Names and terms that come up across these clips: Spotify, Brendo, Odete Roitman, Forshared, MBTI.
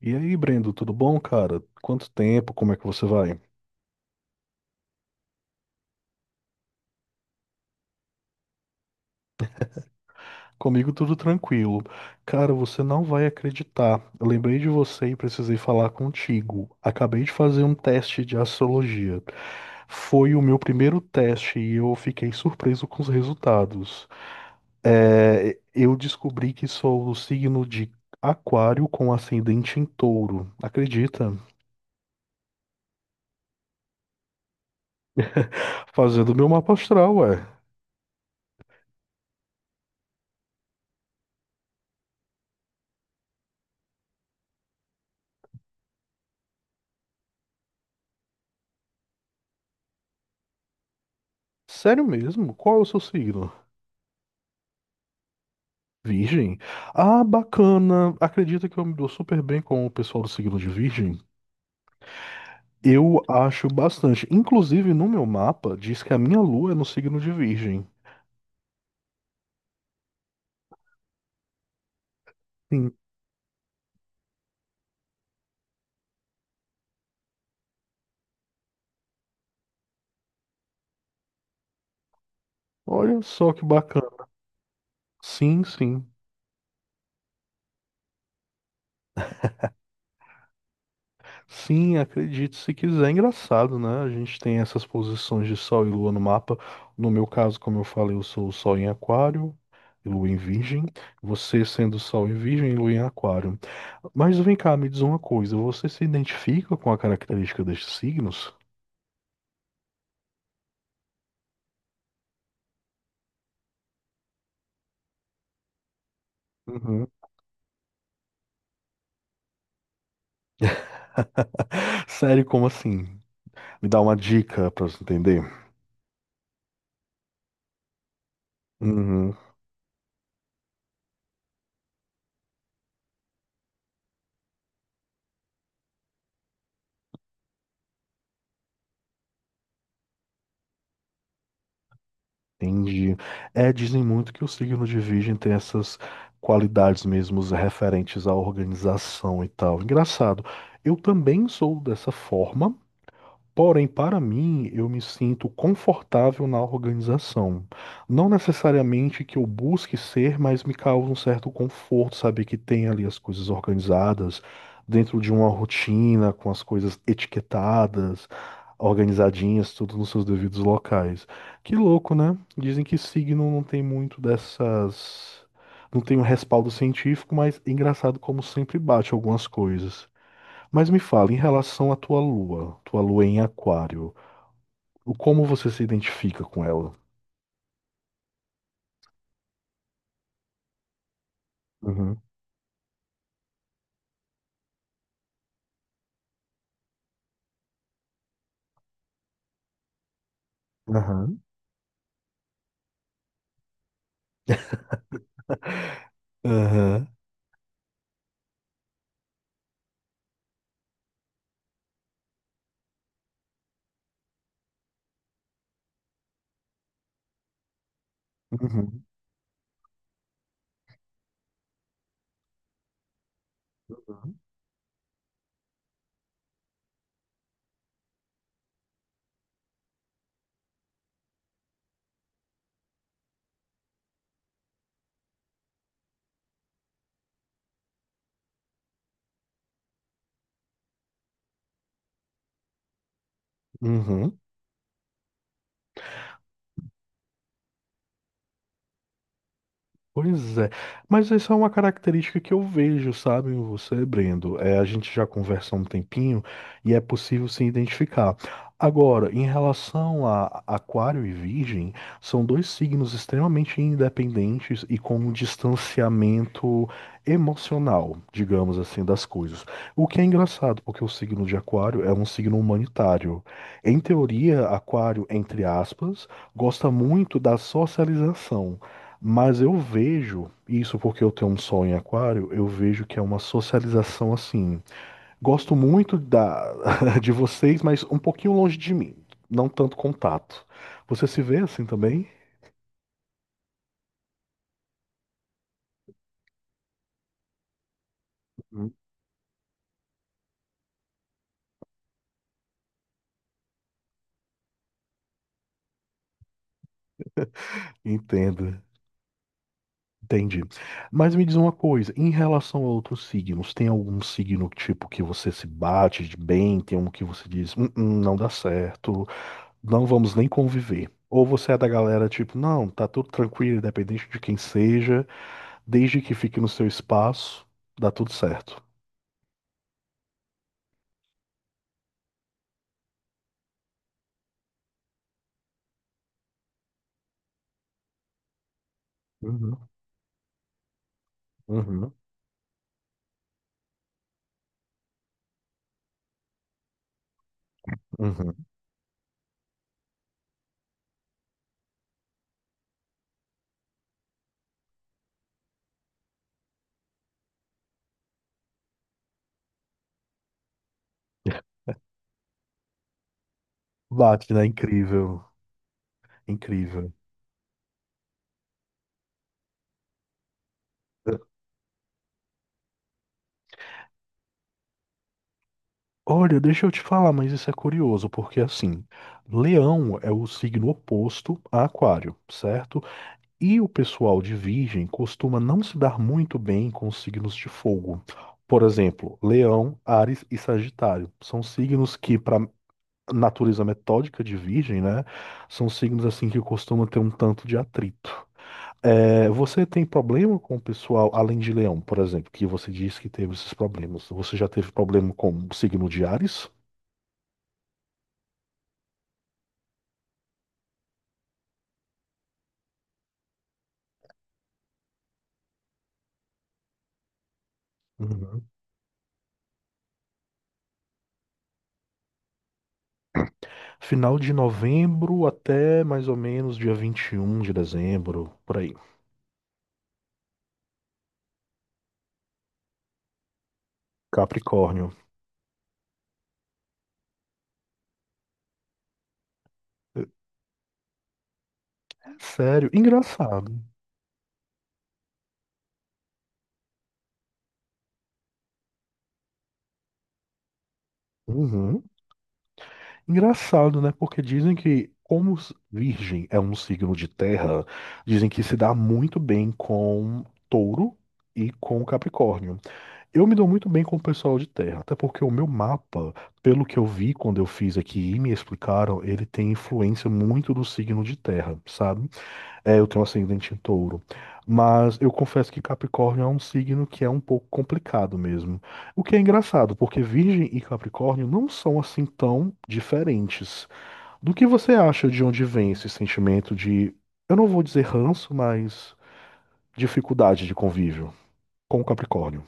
E aí, Brendo, tudo bom, cara? Quanto tempo? Como é que você vai? Comigo tudo tranquilo. Cara, você não vai acreditar. Eu lembrei de você e precisei falar contigo. Acabei de fazer um teste de astrologia. Foi o meu primeiro teste e eu fiquei surpreso com os resultados. É, eu descobri que sou do signo de Aquário com ascendente em Touro. Acredita? Fazendo meu mapa astral, ué. Sério mesmo? Qual é o seu signo? Virgem? Ah, bacana. Acredita que eu me dou super bem com o pessoal do signo de Virgem? Eu acho bastante. Inclusive, no meu mapa, diz que a minha lua é no signo de Virgem. Sim. Olha só que bacana. Sim, sim. Sim, acredite se quiser. É, engraçado, né? A gente tem essas posições de Sol e Lua no mapa. No meu caso, como eu falei, eu sou o Sol em Aquário e Lua em Virgem. Você sendo Sol em Virgem e Lua em Aquário. Mas vem cá, me diz uma coisa. Você se identifica com a característica destes signos? Uhum. Sério, como assim? Me dá uma dica pra você entender. Uhum. Entendi. É, dizem muito que o signo de Virgem tem essas qualidades mesmo referentes à organização e tal. Engraçado. Eu também sou dessa forma. Porém, para mim, eu me sinto confortável na organização. Não necessariamente que eu busque ser, mas me causa um certo conforto saber que tem ali as coisas organizadas, dentro de uma rotina, com as coisas etiquetadas, organizadinhas, tudo nos seus devidos locais. Que louco, né? Dizem que signo não tem muito dessas. Não tem um respaldo científico, mas engraçado como sempre bate algumas coisas. Mas me fala, em relação à tua lua em aquário, o como você se identifica com ela? Uhum. Aham. Aham. Uhum. Uhum. Pois é, mas essa é uma característica que eu vejo, sabe, em você, Brendo. É, a gente já conversa há um tempinho e é possível se identificar. Agora, em relação a Aquário e Virgem, são dois signos extremamente independentes e com um distanciamento emocional, digamos assim, das coisas. O que é engraçado, porque o signo de Aquário é um signo humanitário. Em teoria, Aquário, entre aspas, gosta muito da socialização. Mas eu vejo, isso porque eu tenho um sol em aquário, eu vejo que é uma socialização assim. Gosto muito da, de vocês, mas um pouquinho longe de mim. Não tanto contato. Você se vê assim também? Uhum. Entendo. Entendi. Mas me diz uma coisa, em relação a outros signos, tem algum signo tipo que você se bate de bem, tem um que você diz, não dá certo, não vamos nem conviver". Ou você é da galera tipo, não, tá tudo tranquilo, independente de quem seja. Desde que fique no seu espaço, dá tudo certo. Uhum, uhum, uhum. Bate, né? Incrível. Incrível. Olha, deixa eu te falar, mas isso é curioso, porque assim, Leão é o signo oposto a Aquário, certo? E o pessoal de Virgem costuma não se dar muito bem com os signos de fogo. Por exemplo, Leão, Áries e Sagitário são signos que, para natureza metódica de Virgem, né, são signos assim que costumam ter um tanto de atrito. É, você tem problema com o pessoal, além de Leão, por exemplo, que você disse que teve esses problemas. Você já teve problema com o signo de Áries? Uhum. Final de novembro até mais ou menos dia 21 de dezembro, por aí. Capricórnio. É, sério, engraçado. Uhum. Engraçado, né? Porque dizem que, como Virgem é um signo de terra, dizem que se dá muito bem com touro e com Capricórnio. Eu me dou muito bem com o pessoal de terra, até porque o meu mapa, pelo que eu vi quando eu fiz aqui e me explicaram, ele tem influência muito do signo de terra, sabe? É, eu tenho ascendente em touro. Mas eu confesso que Capricórnio é um signo que é um pouco complicado mesmo. O que é engraçado, porque Virgem e Capricórnio não são assim tão diferentes. Do que você acha de onde vem esse sentimento de, eu não vou dizer ranço, mas dificuldade de convívio com o Capricórnio?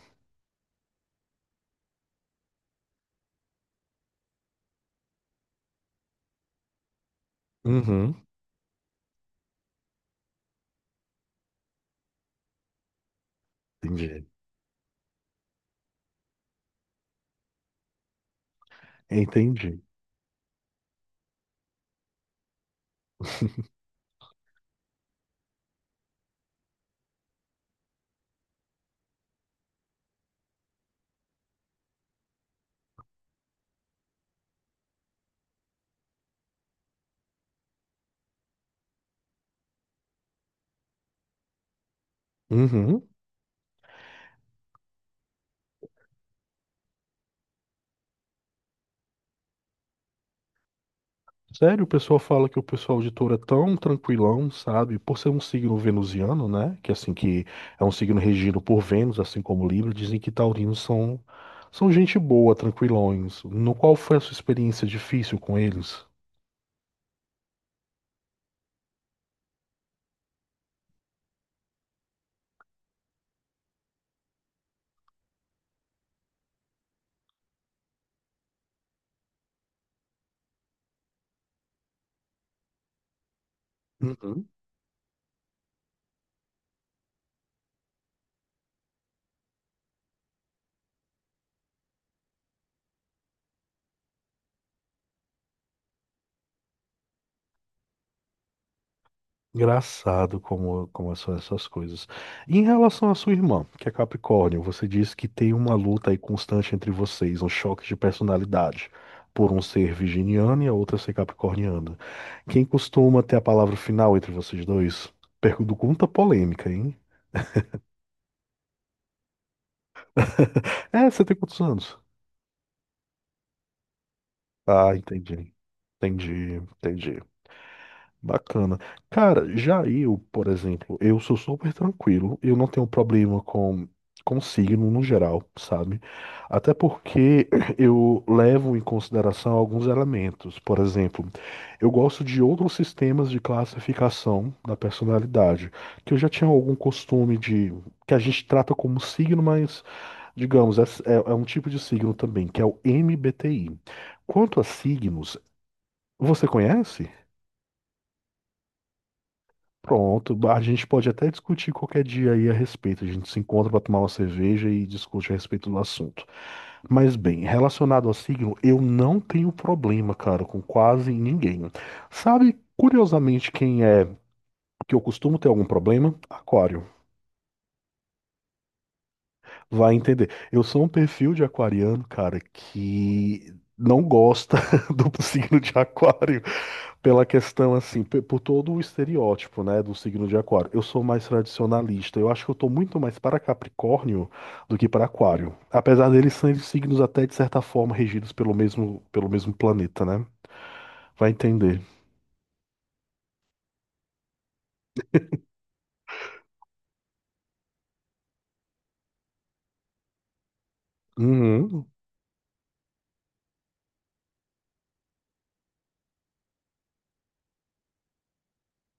Uhum, entendi. Entendi. Uhum. Sério, o pessoal fala que o pessoal de touro é tão tranquilão, sabe? Por ser um signo venusiano, né? Que assim que é um signo regido por Vênus, assim como Libra, dizem que taurinos são gente boa, tranquilões. No qual foi a sua experiência difícil com eles? Engraçado como são essas coisas. E em relação à sua irmã, que é Capricórnio, você disse que tem uma luta aí constante entre vocês, um choque de personalidade, por um ser virginiano e a outra ser capricorniana. Quem costuma ter a palavra final entre vocês dois? Pergunta polêmica, hein? É, você tem quantos anos? Ah, entendi. Entendi, entendi. Bacana. Cara, já eu, por exemplo, eu sou super tranquilo, eu não tenho problema com signo no geral, sabe? Até porque eu levo em consideração alguns elementos. Por exemplo, eu gosto de outros sistemas de classificação da personalidade, que eu já tinha algum costume de, que a gente trata como signo, mas, digamos, é, é um tipo de signo também, que é o MBTI. Quanto a signos, você conhece? Pronto, a gente pode até discutir qualquer dia aí a respeito. A gente se encontra para tomar uma cerveja e discute a respeito do assunto. Mas bem, relacionado ao signo, eu não tenho problema, cara, com quase ninguém. Sabe, curiosamente, quem é que eu costumo ter algum problema? Aquário. Vai entender. Eu sou um perfil de aquariano, cara, que não gosta do signo de aquário pela questão assim, por todo o estereótipo, né, do signo de aquário. Eu sou mais tradicionalista. Eu acho que eu tô muito mais para Capricórnio do que para Aquário, apesar deles serem signos até de certa forma regidos pelo mesmo planeta, né? Vai entender. Uhum,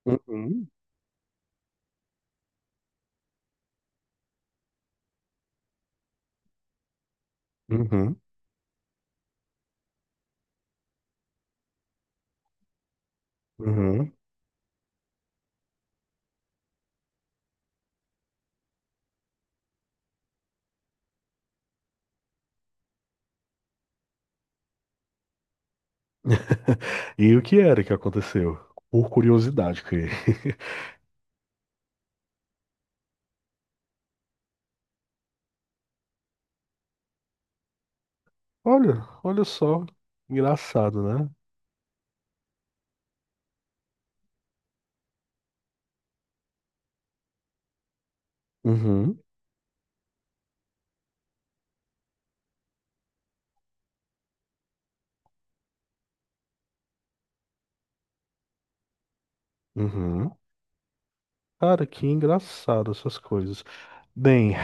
uhum, uhum, uhum. E o que era que aconteceu? Por curiosidade, que Olha, olha só. Engraçado, né? Uhum, uhum. Cara, que engraçado essas coisas. Bem,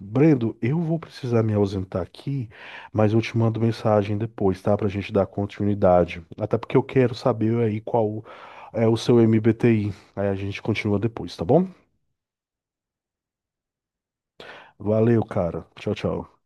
Brendo, eu vou precisar me ausentar aqui, mas eu te mando mensagem depois, tá? Pra gente dar continuidade. Até porque eu quero saber aí qual é o seu MBTI. Aí a gente continua depois, tá bom? Valeu, cara. Tchau, tchau.